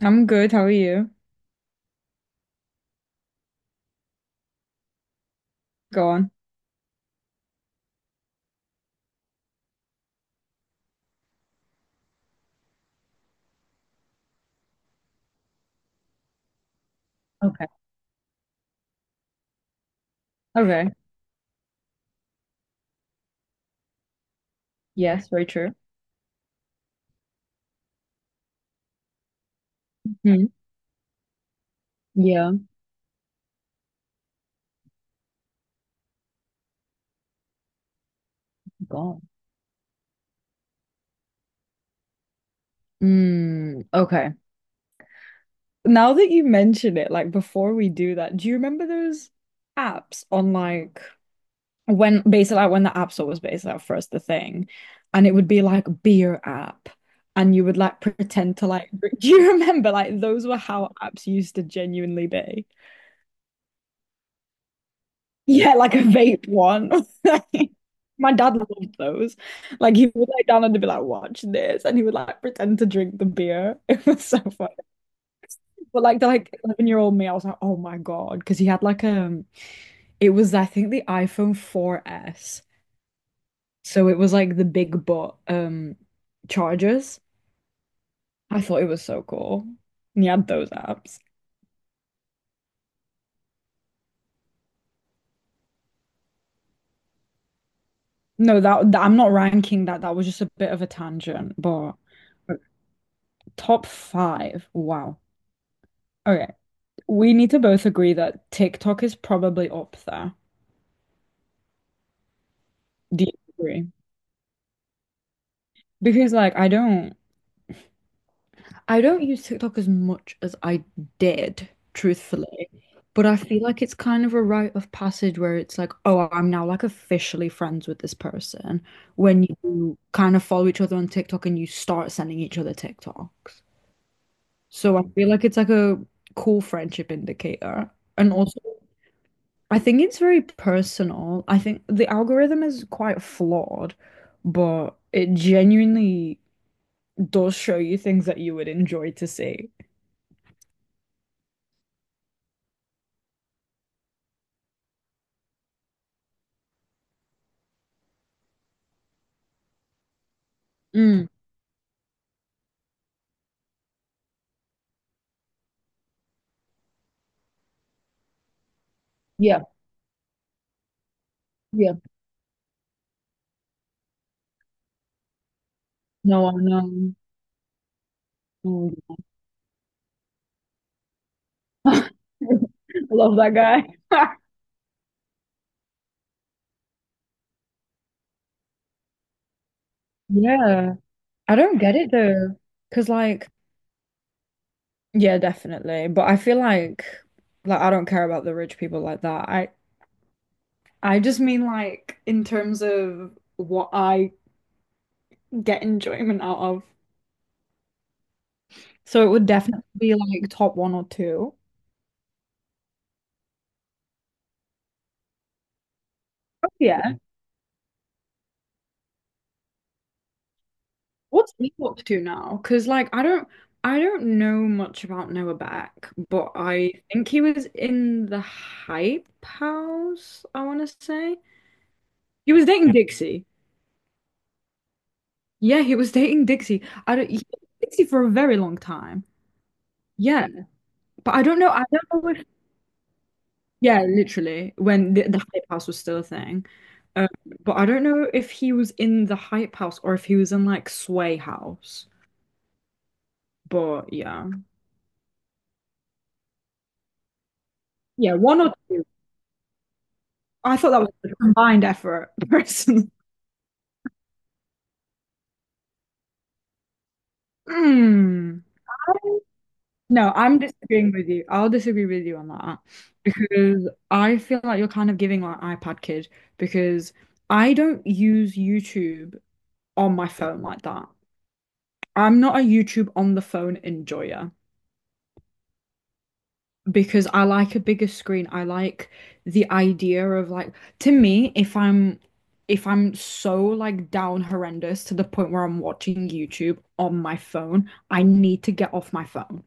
I'm good. How are you? Go on. Okay. Okay. Yes, very true. Hmm. Yeah. God. Mm, okay. Now that you mention it, like before we do that, do you remember those apps on like when basically like when the App Store was basically like first the thing, and it would be like beer app, and you would like pretend to Do you remember like those were how apps used to genuinely be? Yeah, like a vape one. My dad loved those. Like he would lay down and be like, watch this. And he would like pretend to drink the beer. It was so funny. But like the like 11-year-old me, I was like, oh my God. Because he had like it was I think the iPhone 4S. So it was like the big butt chargers. I thought it was so cool. And he had those apps. No, that I'm not ranking that. That was just a bit of a tangent, but top 5. Wow. Okay. We need to both agree that TikTok is probably up there. Do you agree? Because like I don't use TikTok as much as I did, truthfully. But I feel like it's kind of a rite of passage where it's like, oh, I'm now like officially friends with this person when you kind of follow each other on TikTok and you start sending each other TikToks. So I feel like it's like a cool friendship indicator. And also I think it's very personal. I think the algorithm is quite flawed, but it genuinely does show you things that you would enjoy to see. Mm, yeah, yeah. No, I know. Mm. I love that guy. Yeah. I don't get it though. Because, like, yeah, definitely. But I feel like, I don't care about the rich people like that. I just mean, like, in terms of what I get enjoyment out of. So it would definitely be like top 1 or 2. Oh, yeah. What's he up to now? Because like I don't know much about Noah Beck, but I think he was in the Hype House, I want to say. He was dating Dixie. Yeah, he was dating Dixie. I don't he, dated Dixie for a very long time. Yeah, but I don't know. I don't know if yeah, literally when the Hype House was still a thing. Um, but I don't know if he was in the Hype House or if he was in like Sway House. But yeah, yeah, 1 or 2. I thought that was a combined effort, personally. Mm. No, I'm disagreeing with you. I'll disagree with you on that because I feel like you're kind of giving like iPad kid because I don't use YouTube on my phone like that. I'm not a YouTube on the phone enjoyer. Because I like a bigger screen. I like the idea of like to me, if I'm so like down horrendous to the point where I'm watching YouTube on my phone, I need to get off my phone.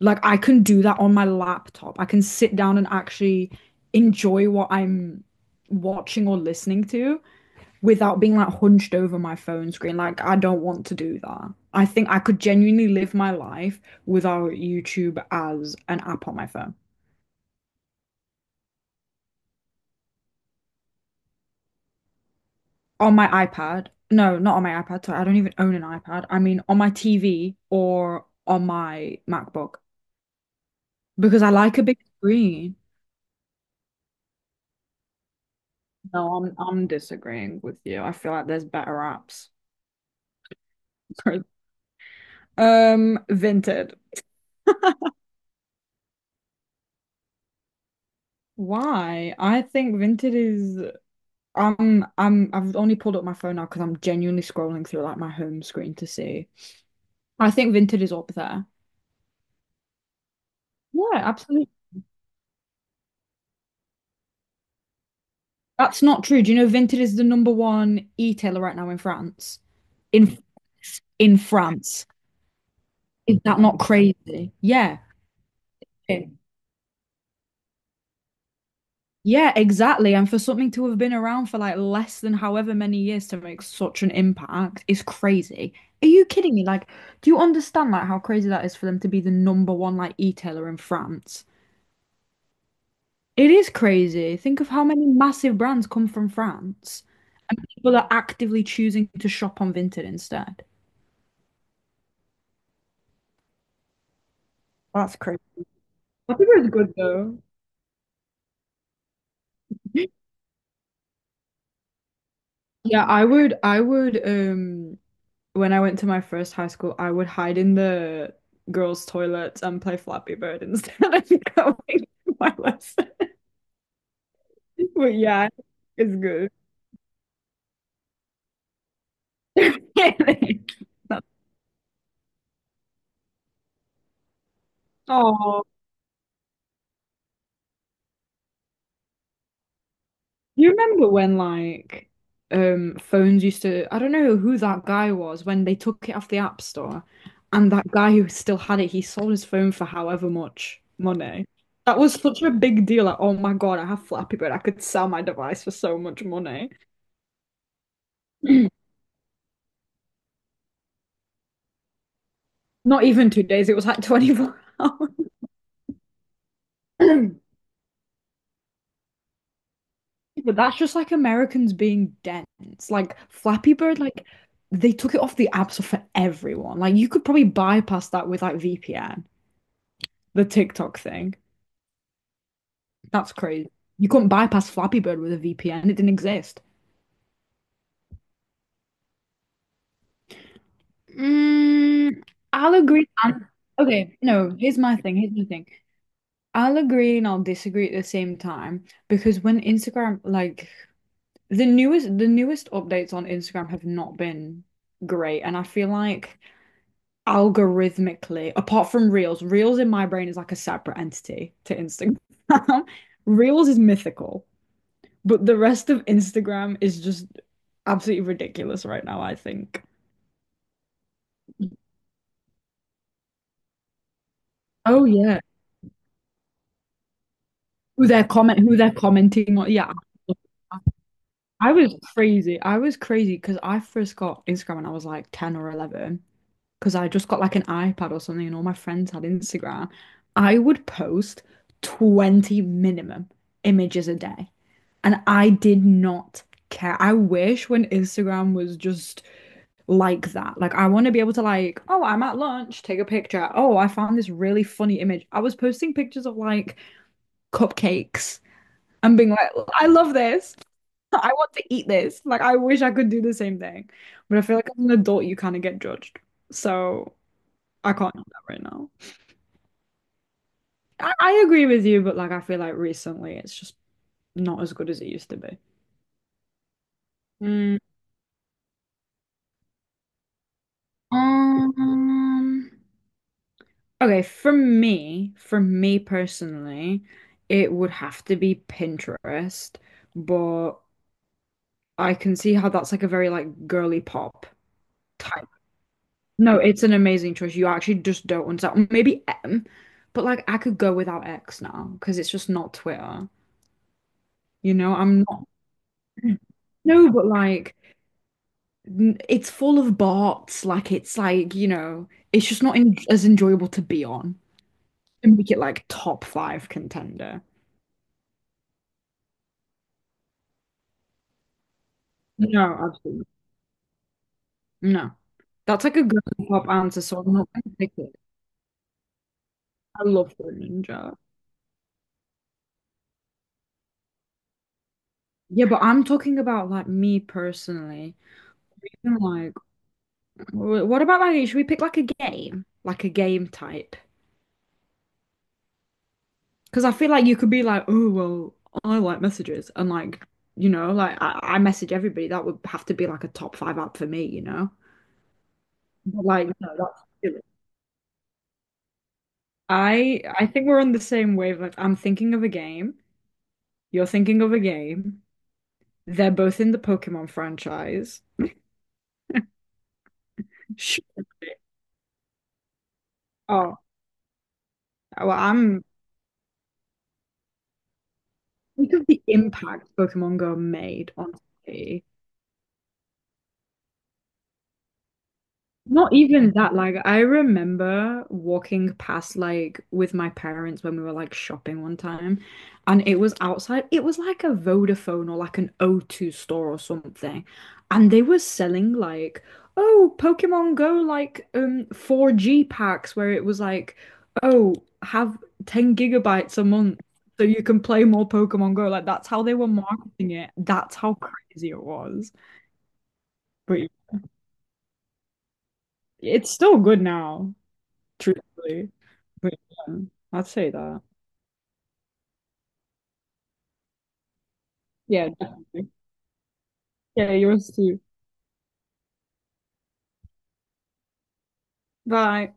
Like I can do that on my laptop. I can sit down and actually enjoy what I'm watching or listening to without being like hunched over my phone screen. Like I don't want to do that. I think I could genuinely live my life without YouTube as an app on my phone. On my iPad. No, not on my iPad. Sorry, I don't even own an iPad. I mean, on my TV or on my MacBook because I like a big screen. No, I'm disagreeing with you. I feel like there's better apps. Vinted. Why? I think Vinted is I've only pulled up my phone now because I'm genuinely scrolling through like my home screen to see. I think Vinted is up there. Yeah, absolutely. That's not true. Do you know Vinted is the number one e-tailer right now in France? in in France. Is that not crazy? Yeah. Yeah, exactly. And for something to have been around for like less than however many years to make such an impact is crazy. Are you kidding me? Like, do you understand like how crazy that is for them to be the number one like e-tailer in France? It is crazy. Think of how many massive brands come from France. People are actively choosing to shop on Vinted instead. That's crazy. I think it's good though. Yeah, I would when I went to my first high school, I would hide in the girls' toilets and play Flappy Bird instead of going to my lesson. But yeah, it's good. Oh, you remember when like phones used to, I don't know who that guy was when they took it off the App Store and that guy who still had it, he sold his phone for however much money. That was such a big deal. Like, oh my God, I have Flappy Bird. I could sell my device for so much money. Not even 2 days, it was like 24 hours. But that's just like Americans being dense. Like Flappy Bird, like they took it off the app store for everyone. Like you could probably bypass that with like VPN, the TikTok thing. That's crazy. You couldn't bypass Flappy Bird with a VPN. It didn't exist. Mm, I'll agree and okay, no, here's my thing. Here's my thing. I'll agree and I'll disagree at the same time because when Instagram like the newest updates on Instagram have not been great, and I feel like algorithmically, apart from Reels, Reels in my brain is like a separate entity to Instagram. Reels is mythical, but the rest of Instagram is just absolutely ridiculous right now, I think. Oh yeah. Who they're commenting on. Yeah. I was crazy. I was crazy because I first got Instagram when I was like 10 or 11. Because I just got like an iPad or something and all my friends had Instagram, I would post 20 minimum images a day. And I did not care. I wish when Instagram was just like that. Like I want to be able to like, oh, I'm at lunch, take a picture. Oh, I found this really funny image. I was posting pictures of like cupcakes and being like, I love this. I want to eat this. Like I wish I could do the same thing. But I feel like as an adult you kind of get judged. So I can't do that right now. I agree with you, but like I feel like recently it's just not as good as it used to be. Mm, um, okay, for me personally, it would have to be Pinterest, but I can see how that's like a very like girly pop type. No, it's an amazing choice. You actually just don't understand. Maybe M, but like I could go without X now because it's just not Twitter. You know, I'm not. No, but like it's full of bots. Like it's like, you know, it's just not en as enjoyable to be on and make it like top 5 contender. No, absolutely. No. That's like a good pop answer, so I'm not gonna pick it. I love Fruit Ninja. Yeah, but I'm talking about like me personally. I'm like, what about like, should we pick like a game? Like a game type? Because I feel like you could be like, oh, well, I like messages. And like, you know, like I message everybody. That would have to be like a top 5 app for me, you know? But like, no, that's silly. I think we're on the same wavelength. I'm thinking of a game. You're thinking of a game. They're both in the Pokemon franchise. Sure. Oh, well, I'm think of the impact Pokemon Go made on society. Not even that, like I remember walking past like with my parents when we were like shopping one time and it was outside. It was like a Vodafone or like an O2 store or something. And they were selling like, oh, Pokemon Go like 4G packs where it was like, oh, have 10 gigabytes a month so you can play more Pokemon Go. Like that's how they were marketing it. That's how crazy it was. But it's still good now. Truthfully. But yeah, I'd say that. Yeah, definitely. Yeah, yours too. Bye.